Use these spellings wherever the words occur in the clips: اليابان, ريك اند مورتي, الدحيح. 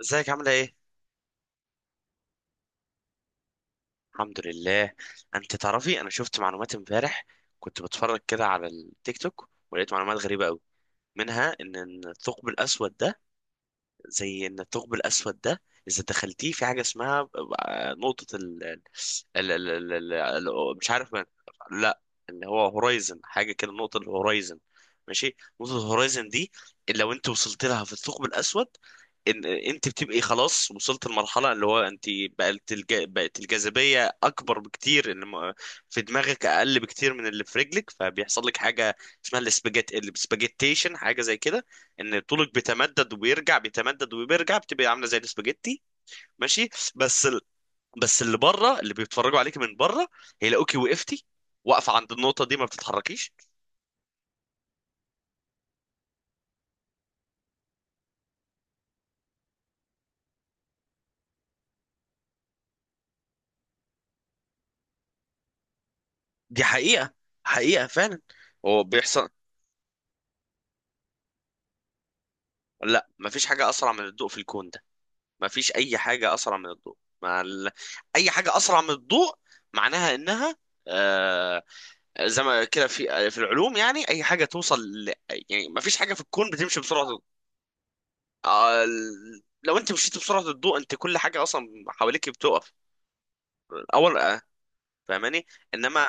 ازيك عاملة ايه؟ الحمد لله. انت تعرفي، انا شفت معلومات امبارح، كنت بتفرج كده على التيك توك ولقيت معلومات غريبة قوي، منها ان الثقب الاسود ده... زي ان الثقب الاسود ده اذا دخلتيه في حاجه اسمها نقطه مش عارف من. لا، اللي هو هورايزن، حاجه كده، نقطه الهورايزن. ماشي، نقطه الهورايزن دي اللي لو انت وصلت لها في الثقب الاسود، ان انت بتبقي خلاص وصلت المرحله اللي هو انت بقت الجاذبيه اكبر بكتير، اللي في دماغك اقل بكتير من اللي في رجلك، فبيحصل لك حاجه اسمها السباجيتيشن، حاجه زي كده، ان طولك بيتمدد وبيرجع بيتمدد وبيرجع بتبقى عامله زي الاسباجيتي. ماشي. بس ال... بس اللي بره اللي بيتفرجوا عليك من بره هيلاقوكي وقفتي، واقفه عند النقطه دي ما بتتحركيش. دي حقيقه، حقيقه فعلا، هو بيحصل. لا، ما فيش حاجه اسرع من الضوء في الكون ده، ما فيش اي حاجه اسرع من الضوء اي حاجه اسرع من الضوء معناها انها آه... زي ما كده في العلوم، يعني اي حاجه توصل يعني ما فيش حاجه في الكون بتمشي بسرعه. لو انت مشيت بسرعه الضوء، انت كل حاجه اصلا حواليك بتقف. اول فاهماني. انما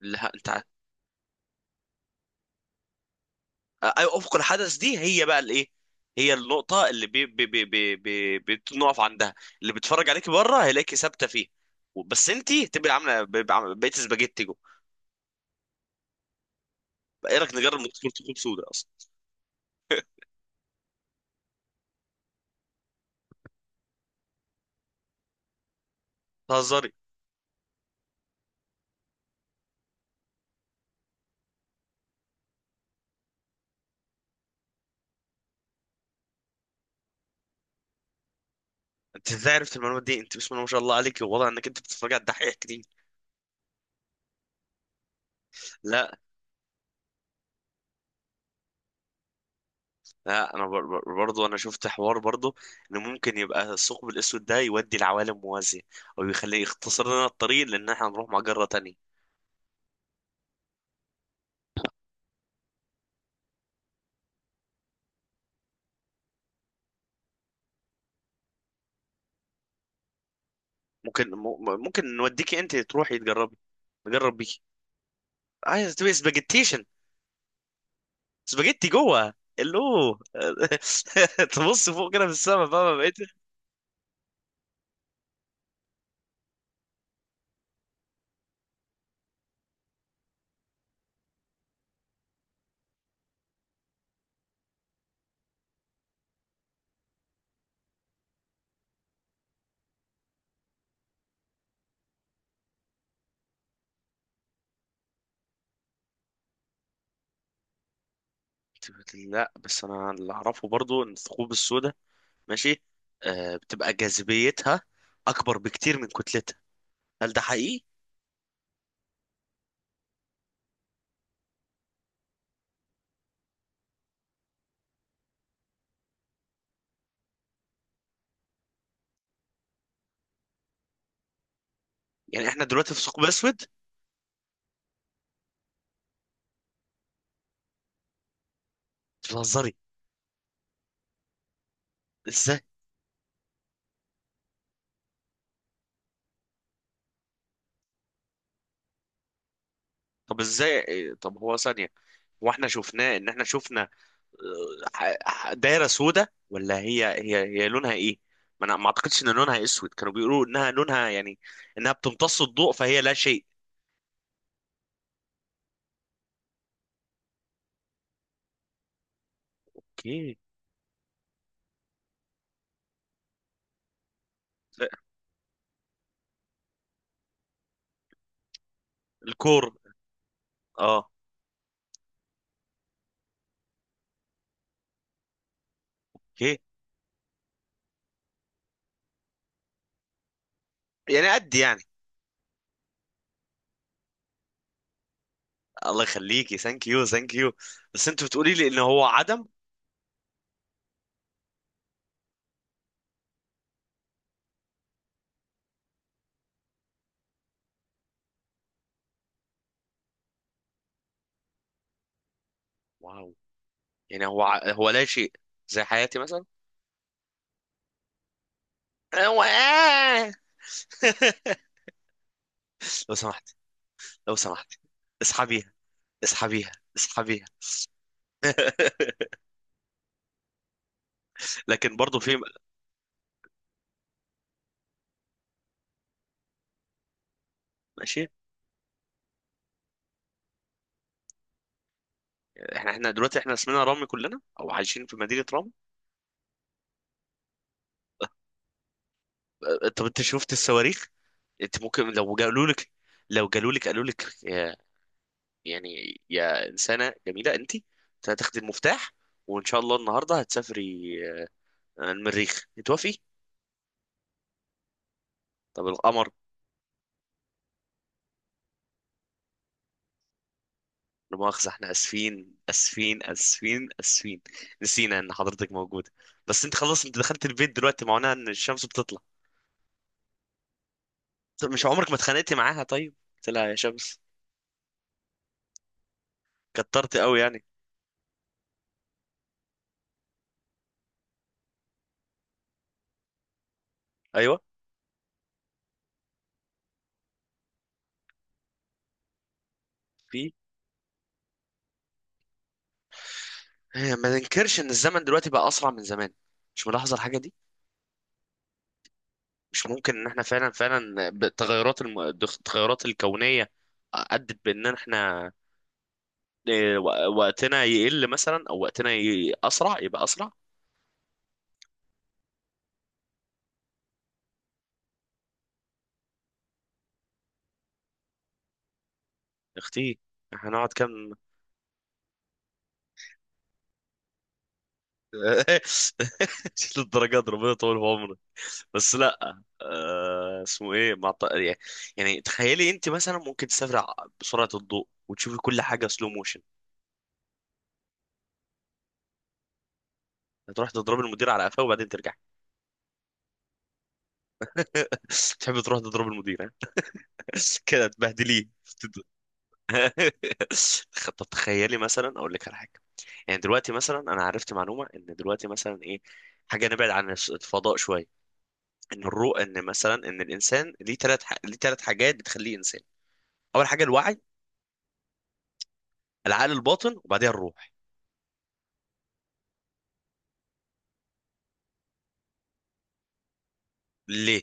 لا، آه، أيوة، افق الحدث دي هي بقى الايه، هي النقطه اللي بي بي بي بي بي بتنقف عندها، اللي بيتفرج عليك بره هيلاقيكي ثابته فيه. بس انت تبقى عامله، بقيت سباجيتي جوه. ايه رايك نجرب ندخل ثقوب سوداء اصلا؟ بتهزري؟ انت ازاي عرفت المعلومات دي؟ انت بسم الله ما شاء الله عليك، والله انك انت بتتفرج على الدحيح كتير. لا، لا انا برضو انا شفت حوار برضو، ان ممكن يبقى الثقب الاسود ده يودي لعوالم موازيه، او يخليه يختصر لنا الطريق لان احنا نروح مجره تانية. ممكن نوديكي انت تروحي تجربي، نجرب بيكي. عايز تبقي سباجيتيشن، سباجيتي جوه الو. تبص فوق كده في السما، فاهمه بقيت؟ لا، بس انا اللي اعرفه برضو ان الثقوب السوداء... ماشي، بتبقى جاذبيتها اكبر بكتير من كتلتها، هل ده حقيقي؟ يعني احنا دلوقتي في ثقب اسود؟ بتهزري؟ ازاي؟ طب ازاي إيه، طب هو ثانية، هو احنا شفناه ان احنا شفنا دايرة سودة، ولا هي هي لونها ايه؟ ما انا ما اعتقدش ان لونها اسود، كانوا بيقولوا انها لونها يعني انها بتمتص الضوء فهي لا شيء. اوكي. ف- الكور. اه. اوكي. يعني قد يعني... الله يخليكي، ثانك يو، ثانك يو. بس انت بتقولي لي ان هو عدم. واو. يعني هو لا شيء، زي حياتي مثلا. هو- لو سمحت، لو سمحت. اسحبي، اسحبيها، اسحبيها. لكن برضه في... ماشي. احنا دلوقتي، احنا اسمنا رامي كلنا، او عايشين في مدينة رامي؟ اه، طب انت شفت الصواريخ؟ انت ممكن لو قالوا لك، لو قالوا لك يا، يعني يا انسانة جميلة، انت هتاخدي المفتاح، وان شاء الله النهارده هتسافري. اه، المريخ، توافقي؟ طب القمر؟ لا مؤاخذة، احنا اسفين اسفين اسفين اسفين، نسينا ان حضرتك موجودة. بس انت خلاص، انت دخلت البيت دلوقتي، معناها ان الشمس بتطلع. طب مش عمرك ما اتخانقتي معاها؟ طيب قلت لها يا شمس كترت قوي يعني؟ ايوه. في ما ننكرش ان الزمن دلوقتي بقى اسرع من زمان، مش ملاحظه الحاجه دي؟ مش ممكن ان احنا فعلا فعلا التغيرات الكونيه ادت بان احنا وقتنا يقل مثلا، او اسرع، يبقى اسرع. يا اختي، احنا هنقعد كام؟ للدرجات دي، ربنا يطول في عمرك. بس لا اسمه ايه يعني، يعني تخيلي انت مثلا ممكن بسرعه الضوء وتشوفي كل حاجه سلو موشن. هتروح تضرب المدير على قفاه وبعدين ترجع. تحب تروح تضرب المدير ها؟ كده تبهدليه. تد- طب تخيلي مثلا اقول لك على حاجه، يعني دلوقتي مثلا انا عرفت معلومه ان دلوقتي مثلا ايه، حاجه نبعد عن الفضاء شويه، ان الروح، ان مثلا ان الانسان ليه ليه ثلاث حاجات بتخليه انسان. اول حاجه الوعي، العقل الباطن، وبعدها الروح. ليه؟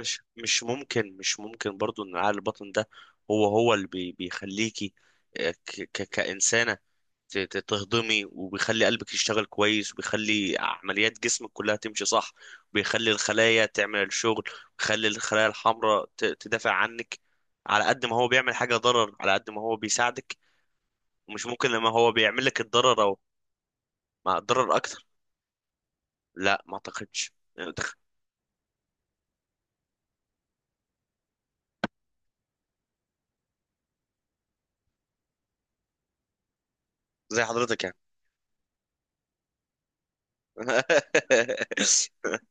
مش ممكن برضو ان عقل الباطن ده هو اللي بيخليكي آه، ك ك كإنسانة تهضمي، وبيخلي قلبك يشتغل كويس، وبيخلي عمليات جسمك كلها تمشي صح، وبيخلي الخلايا تعمل الشغل، وبيخلي الخلايا الحمراء تدافع عنك. على قد ما هو بيعمل حاجة ضرر على قد ما هو بيساعدك، ومش ممكن لما هو بيعمل لك الضرر او مع الضرر اكتر. لا ما اعتقدش، يعني زي حضرتك يعني.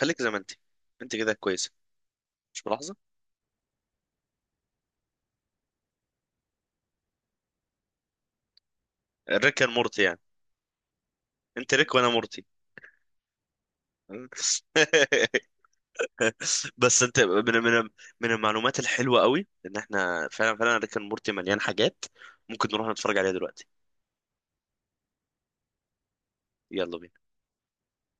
خليك زي ما انت، انت كده كويسه، مش ملاحظه؟ ريك اند مورتي يعني، انت ريك وانا مورتي. بس انت من المعلومات الحلوه قوي، ان احنا فعلا فعلا ريك اند مورتي، مليان حاجات ممكن نروح نتفرج عليها دلوقتي. يلا بينا.